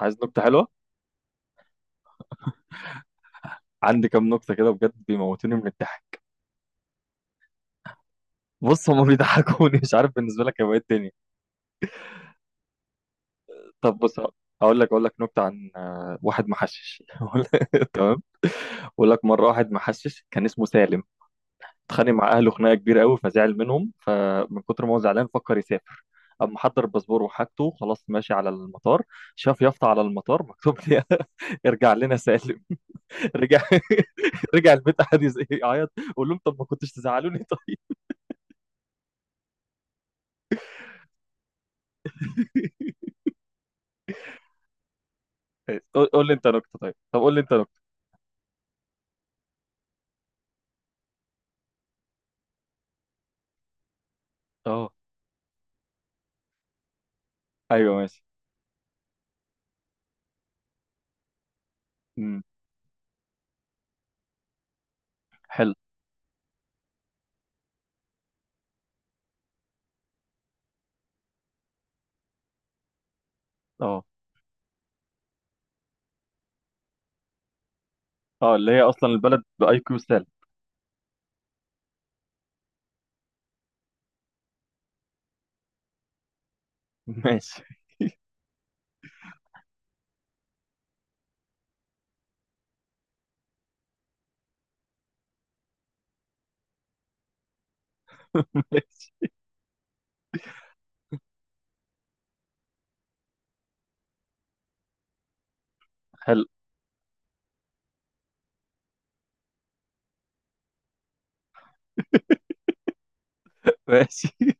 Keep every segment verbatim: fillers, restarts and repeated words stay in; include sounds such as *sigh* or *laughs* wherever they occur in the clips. عايز نكتة حلوة. عندي كام نكتة كده بجد بيموتوني من الضحك. بص، هما بيضحكوني، مش عارف بالنسبة لك هيبقى ايه الدنيا. طب بص، هقول لك اقول لك نكتة عن آه، واحد محشش *laughs* أقول لك- تمام. بقول لك مرة واحد محشش كان اسمه سالم، اتخانق مع اهله خناقة كبيرة قوي فزعل منهم، فمن كتر ما هو زعلان فكر يسافر. اما حضر الباسبور وحاجته خلاص، ماشي على المطار، شاف يافطة على المطار مكتوب لي *laughs* ارجع لنا سالم. *laughs* رجع. *laughs* رجع البيت، قعد يز- يعيط. قول له انت ما كنتش تزعلوني. *laughs* طيب. إيه، قول قول لي انت نكته، طيب طب قول لي انت نكته. اه، ايوه، ماشي. امم. حلو. اه، اه، اللي هي اصلا البلد باي كيو سالب. ماشي. *laughs* ماشي. حلو. ماشي. *laughs*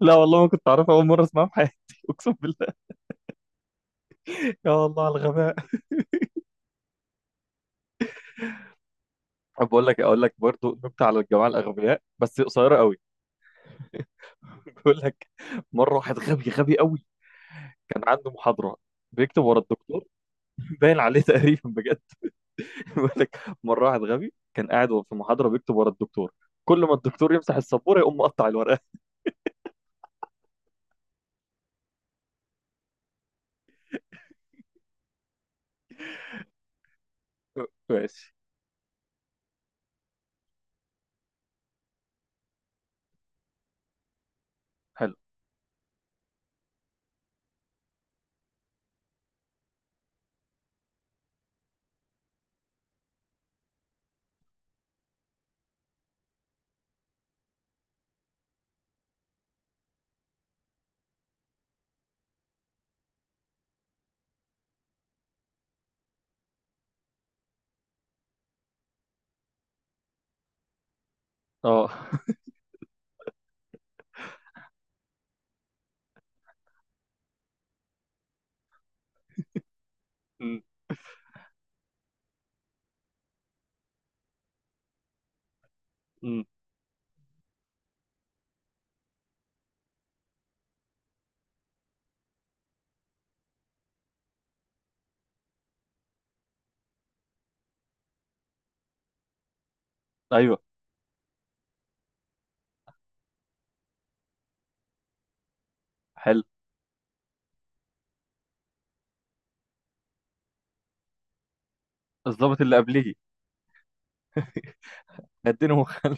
لا والله ما كنت اعرفها، اول مره اسمعها في حياتي *laughs* اقسم بالله. يا الله على الغباء. طب بقول لك، إيه، اقول لك برضو نكته على الجماعه الاغبياء بس قصيره قوي. *laughs* بقول لك مره واحد غبي غبي قوي، كان عنده محاضره بيكتب ورا الدكتور. *laughs* باين عليه تقريبا بجد. *laughs* بيقول لك مره واحد غبي كان قاعد في محاضره بيكتب ورا الدكتور، كل ما الدكتور يمسح السبوره يقوم مقطع الورقه. *laughs* ماشي. حلو. اه. *laughs* أمم، أمم. ايوه. حلو. الضابط اللي قبليه. اديني مخل.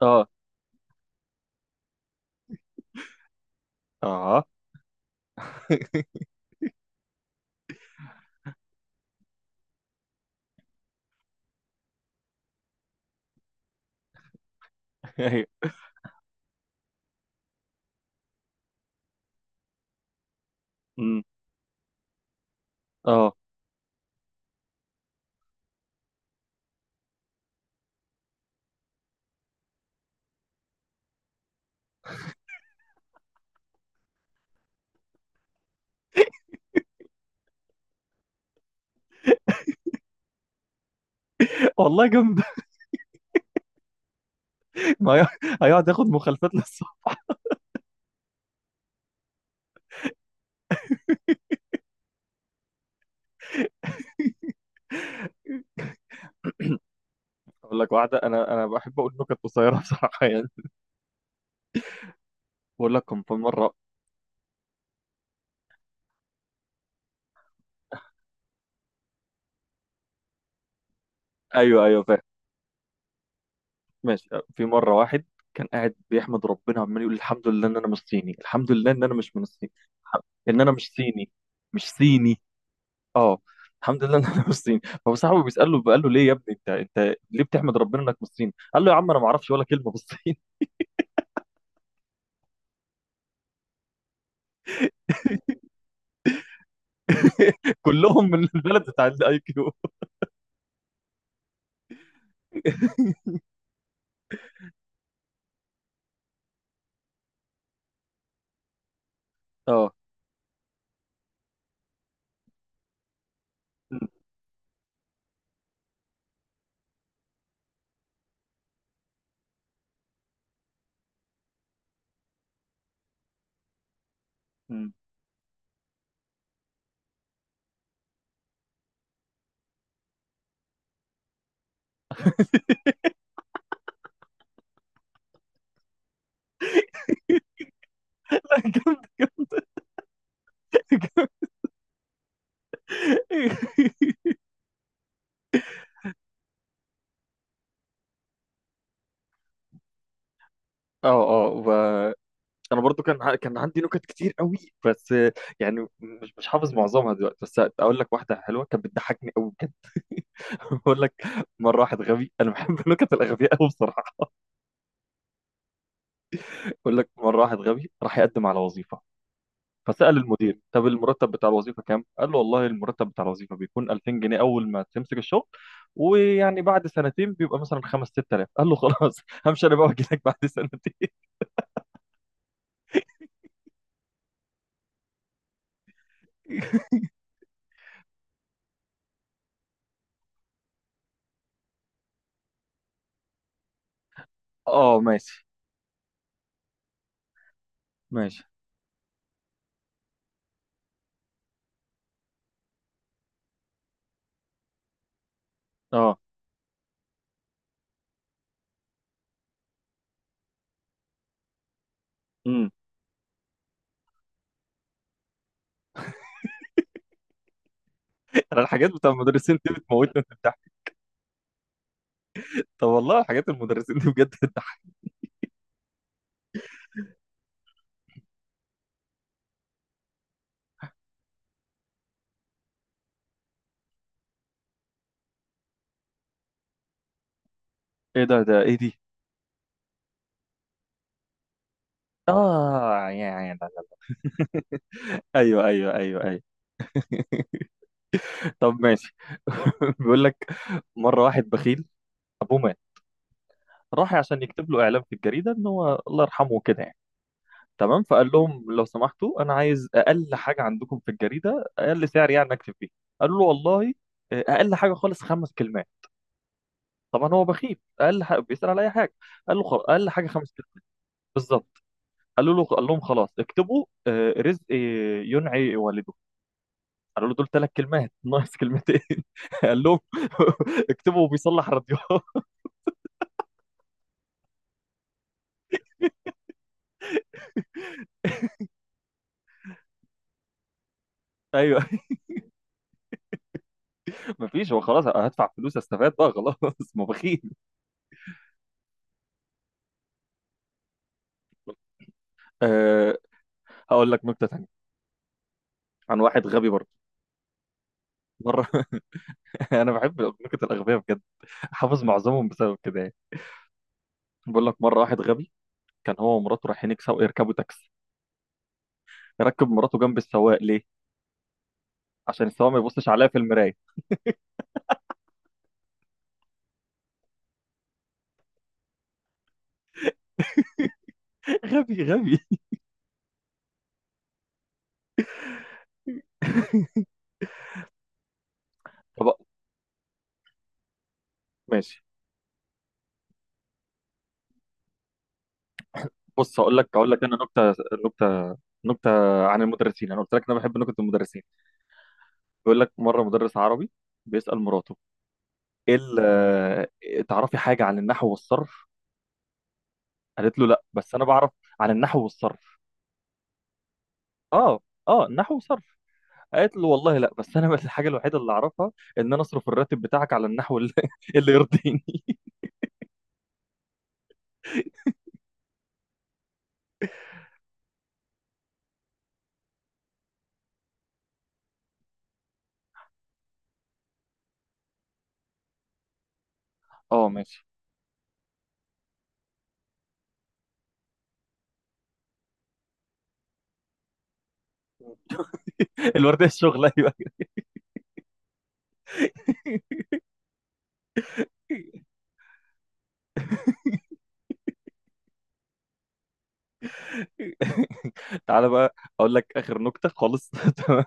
اه، اه. *laughs* ايوه. أمم، اه. والله جامد. *laughs* ما هي- هيقعد ياخد مخالفات للصبح. اقول لك واحده، انا انا بحب اقول نكت قصيره بصراحه يعني. بقول لكم في مره. ايوه، ايوه، فاهم. ماشي. آه، في مرة واحد كان قاعد بيحمد ربنا، عمال يقول الحمد لله ان انا مش صيني، الحمد لله ان انا مش من الصين. الح- ان انا مش صيني. مش صيني. اه. الحمد لله ان انا مش صيني، فهو صاحبه بيسأله قال له ليه يا ابني انت، انت ليه بتحمد ربنا انك مش صيني؟ قال له يا عم انا ما اعرفش ولا كلمة بالصين. *laughs* كلهم من البلد بتاع الاي كيو. *laughs* اه. م- م. *laughs* لا، جامد. اه، اه. انا برضو كان ع- كان عندي نكت كتير قوي، بس آه، يعني مش مش حافظ معظمها دلوقتي، بس اقول لك واحده حلوه كانت بتضحكني قوي بجد. *laughs* بقول لك مره واحد غبي، انا بحب النكت الاغبياء قوي بصراحه. بقول لك مره واحد غبي راح يقدم على وظيفه، فسال المدير طب المرتب بتاع الوظيفه كام؟ قال له والله المرتب بتاع الوظيفه بيكون ألفين جنيه اول ما تمسك الشغل، ويعني بعد سنتين بيبقى مثلا خمسة ستة آلاف. قال له خلاص، همشي انا بقى واجي لك بعد سنتين. *laughs* اه. ماشي، ماشي. اه. إمم. انا الحاجات بتاع المدرسين دي بتموتني من الضحك. طب والله حاجات المدرسين دي بجد بتضحك. ايه ده؟ ده ايه دي؟ اه، يعني لا، لا. *laughs* ايوه، ايوه، ايوه، ايوه. طب ماشي. *laughs* بيقول لك مره واحد بخيل ابوه مات، راح عشان يكتب له اعلان في الجريده ان هو الله يرحمه كده يعني. تمام؟ فقال لهم لو سمحتوا انا عايز اقل حاجه عندكم في الجريده، اقل سعر يعني اكتب فيه. قالوا له والله آه، اقل حاجه خالص خمس كلمات. طبعا هو بخيل، اقل حاجه بيسال على اي حاجه. قال له خلاص اقل حاجه خمس كلمات. بالظبط. قالوا له. قال لهم خلاص اكتبوا آه، رزق آه، ينعي والده. قالوا له دول ثلاث كلمات، ناقص كلمتين. *laughs* قال لهم *laughs* اكتبوا بيصلح راديو. ايوه. *laughs* ما فيش، هو خلاص هدفع فلوس، استفاد بقى خلاص *laughs* ما بخيل. أه. هقول لك نكته ثانيه عن واحد غبي برضه. مره *laughs* انا بحب نكت الاغبياء بجد، حافظ معظمهم بسبب كده يعني. بقول لك مره واحد غبي كان هو ومراته رايحين يكسبوا، يركبوا تاكسي، ركب مراته جنب السواق. ليه؟ عشان السواق ما يبصش عليها في المرايه. *laughs* غبي غبي. طب ماشي. بص، هقول لك هقول لك انا نكته. نكته نكته عن المدرسين، انا قلت لك انا بحب نكت المدرسين. بيقول لك مره مدرس عربي بيسأل مراته ايه ال- آه، تعرفي حاجه عن النحو والصرف؟ قالت له لا بس انا بعرف. عن النحو والصرف. اه، اه، النحو والصرف. قالت له والله لا، بس انا *laughs* بس الحاجه الوحيده اللي اعرفها ان انا اصرف الراتب بتاعك على النحو اللي, *laughs* اللي يرضيني. اه، ماشي. الورديه الشغل، ايوه. *laughs* تعالى بقى اقول لك اخر نكته خالص *laughs* تمام.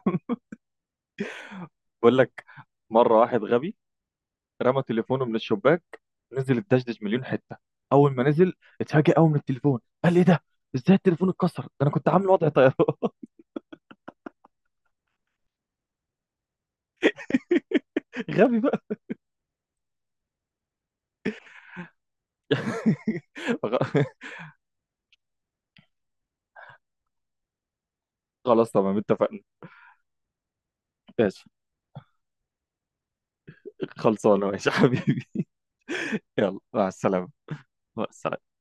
بقول لك مره واحد غبي رمى تليفونه من الشباك، نزل الدشدش مليون حته. اول ما نزل اتفاجئ قوي من التليفون، قال ايه ده؟ ازاي التليفون اتكسر ده، انا كنت عامل وضع طيارة. *laughs* غبي بقى. *laughs* غ- خلاص تمام اتفقنا. ماشي. خلصانه. ماشي يا حبيبي. *laughs* يلا مع السلامه. مع السلامه.